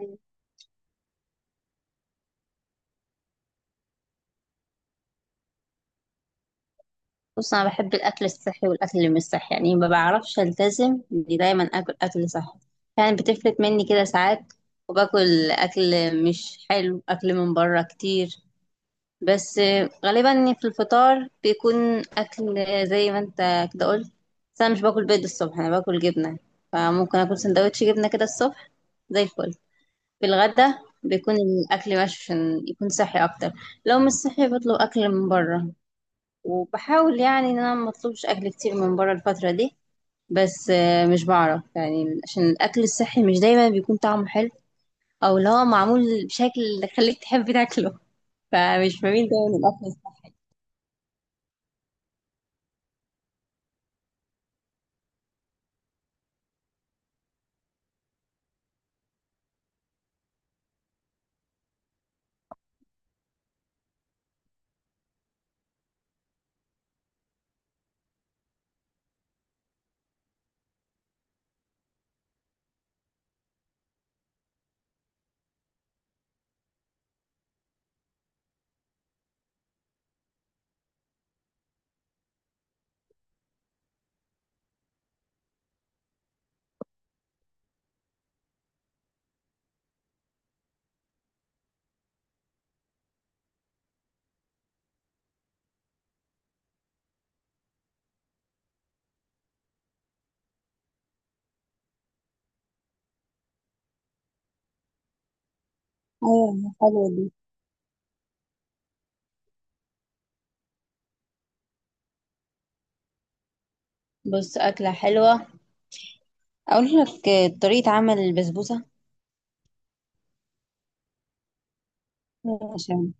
أيوة. بص انا بحب الاكل الصحي والاكل اللي مش صحي، يعني ما بعرفش التزم اني دايما اكل اكل صحي. يعني بتفلت مني كده ساعات، وباكل اكل مش حلو، اكل من بره كتير. بس غالبا في الفطار بيكون اكل زي ما انت كده قلت. بس انا مش باكل بيض الصبح، انا باكل جبنه، فممكن اكل سندوتش جبنه كده الصبح، زي الفل. في الغدا بيكون الاكل ماشي عشان يكون صحي اكتر. لو مش صحي بطلب اكل من بره، وبحاول يعني ان انا ما اطلبش اكل كتير من بره الفتره دي. بس مش بعرف، يعني عشان الاكل الصحي مش دايما بيكون طعمه حلو، او اللي هو معمول بشكل اللي خليك تحب تاكله. فمش بميل دايما الاكل الصحي. ايوه حلوه دي. بص اكله حلوه، اقول لك طريقه عمل البسبوسه. عشان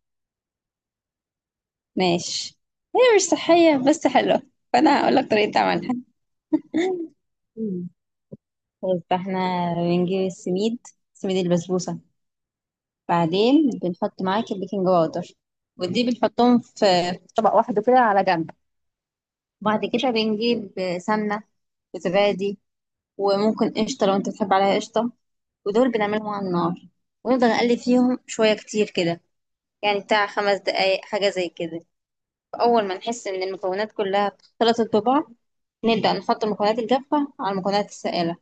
ماشي، هي مش صحيه بس حلوه، فانا هقول لك طريقه عملها. بس احنا بنجيب السميد، سميد البسبوسه، بعدين بنحط معاك البيكنج باودر، ودي بنحطهم في طبق واحد كده على جنب. وبعد كده بنجيب سمنة وزبادي، وممكن قشطة لو انت بتحب عليها قشطة. ودول بنعملهم على النار، ونفضل نقلب فيهم شوية كتير كده، يعني بتاع 5 دقايق حاجة زي كده. أول ما نحس إن المكونات كلها اختلطت ببعض، نبدأ نحط المكونات الجافة على المكونات السائلة،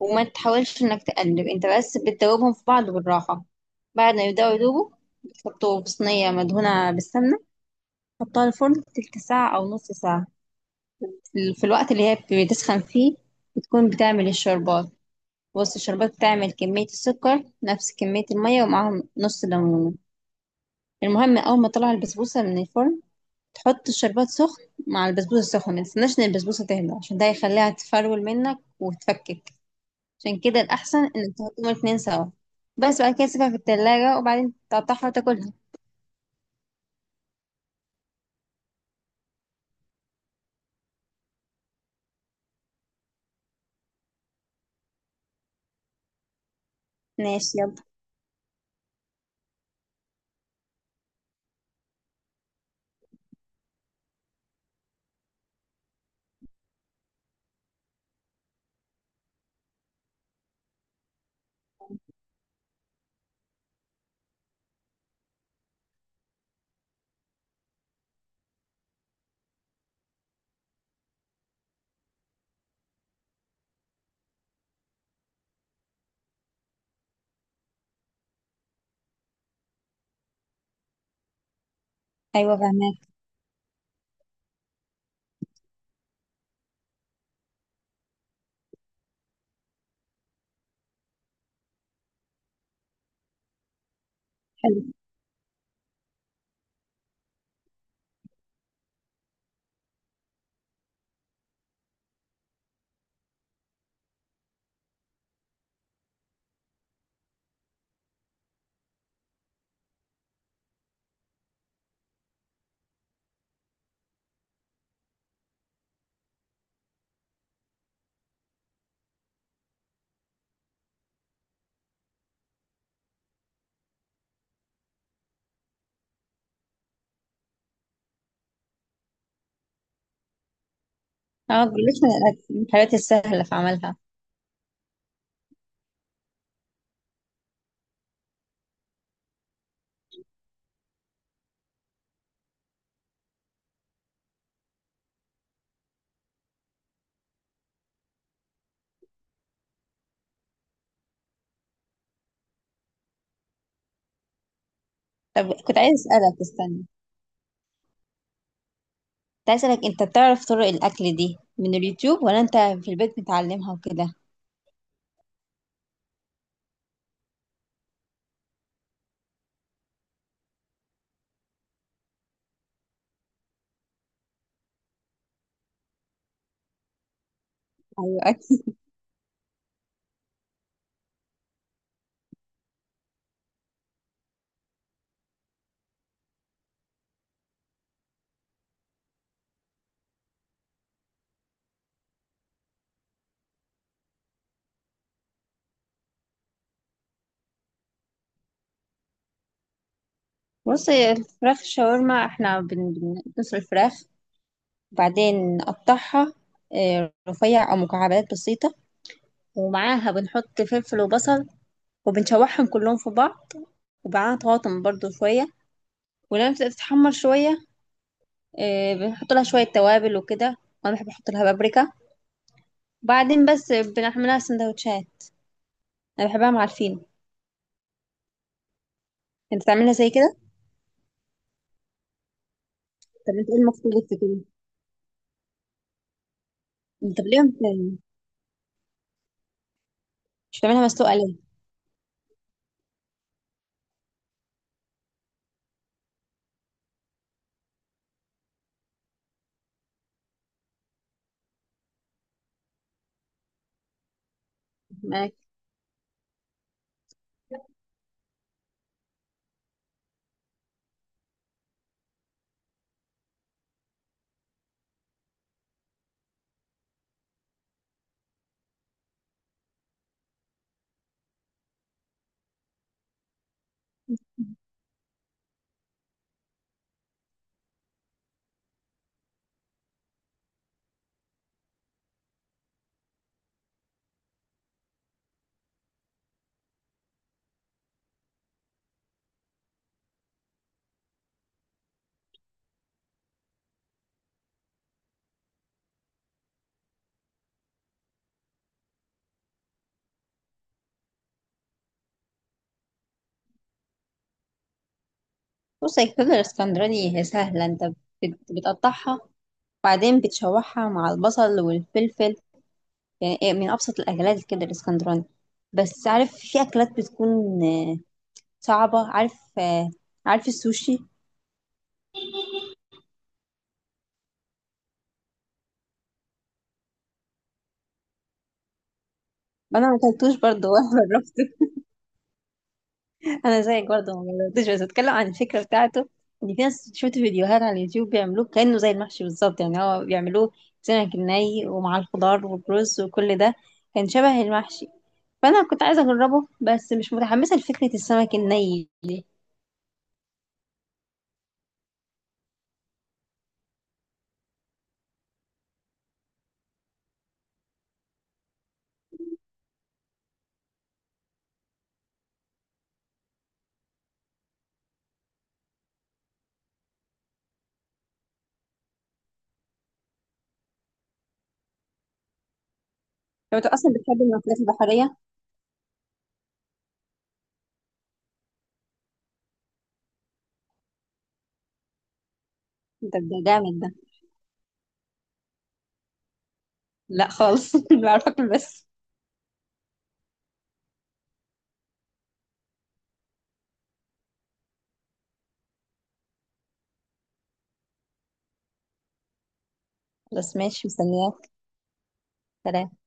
وما تحاولش انك تقلب انت، بس بتدوبهم في بعض بالراحة. بعد ما يبدأوا يدوبوا، بتحطه في صينية مدهونة بالسمنة، تحطها الفرن تلت ساعة أو نص ساعة. في الوقت اللي هي بتسخن فيه، بتكون بتعمل الشربات. بص الشربات بتعمل كمية السكر نفس كمية المية، ومعاهم نص ليمونة. المهم أول ما طلع البسبوسة من الفرن، تحط الشربات سخن مع البسبوسة السخنة، متستناش إن البسبوسة تهدى عشان ده هيخليها تفرول منك وتفكك. عشان كده الأحسن إنك تحطهم الاتنين سوا، بس بعد كده تسيبها في التلاجة وبعدين تقطعها وتاكلها. ماشي يلا. أيوة فهماك. حلو. اه، جلاش من الأكل، من الحاجات السهلة في عملها. طب كنت عايز أسألك، استنى، كنت عايز أسألك أنت بتعرف طرق الأكل دي من اليوتيوب ولا أنت في البيت بتعلمها وكده؟ أيوة أكل. بص هي الفراخ شاورما، احنا بنسلق الفراخ، وبعدين نقطعها رفيع أو مكعبات بسيطة. ومعاها بنحط فلفل وبصل، وبنشوحهم كلهم في بعض، وبعدها طماطم برضو شوية. ولما بتبدأ تتحمر شوية، بنحط لها شوية توابل وكده، وأنا بحب أحط لها بابريكا. وبعدين بس بنعملها سندوتشات، أنا بحبها مع الفينو. أنت تعملها زي كده؟ طب أنت إيه المختلف في كده؟ أنت ليه مت- مش بتعملها مسلوقة ليه؟ معاك. بص هي الكبدة الإسكندراني هي سهلة، أنت بتقطعها، وبعدين بتشوحها مع البصل والفلفل، يعني إيه، من أبسط الأكلات الكبدة الإسكندراني. بس عارف في أكلات بتكون صعبة، عارف عارف السوشي. انا ما اكلتوش برضه ولا جربته. انا زيك برضه ما جربتوش، بس اتكلم عن الفكره بتاعته، ان في ناس شفت فيديوهات على اليوتيوب بيعملوه كانه زي المحشي بالظبط، يعني هو بيعملوه سمك ني ومع الخضار والرز وكل ده، كان شبه المحشي. فانا كنت عايزه اجربه، بس مش متحمسه لفكره السمك الني. لو انت اصلا بتحب المأكولات البحريه. انت ده جامد ده. لا خالص، بعرف اكل بس. خلاص ماشي، مستنياك. سلام.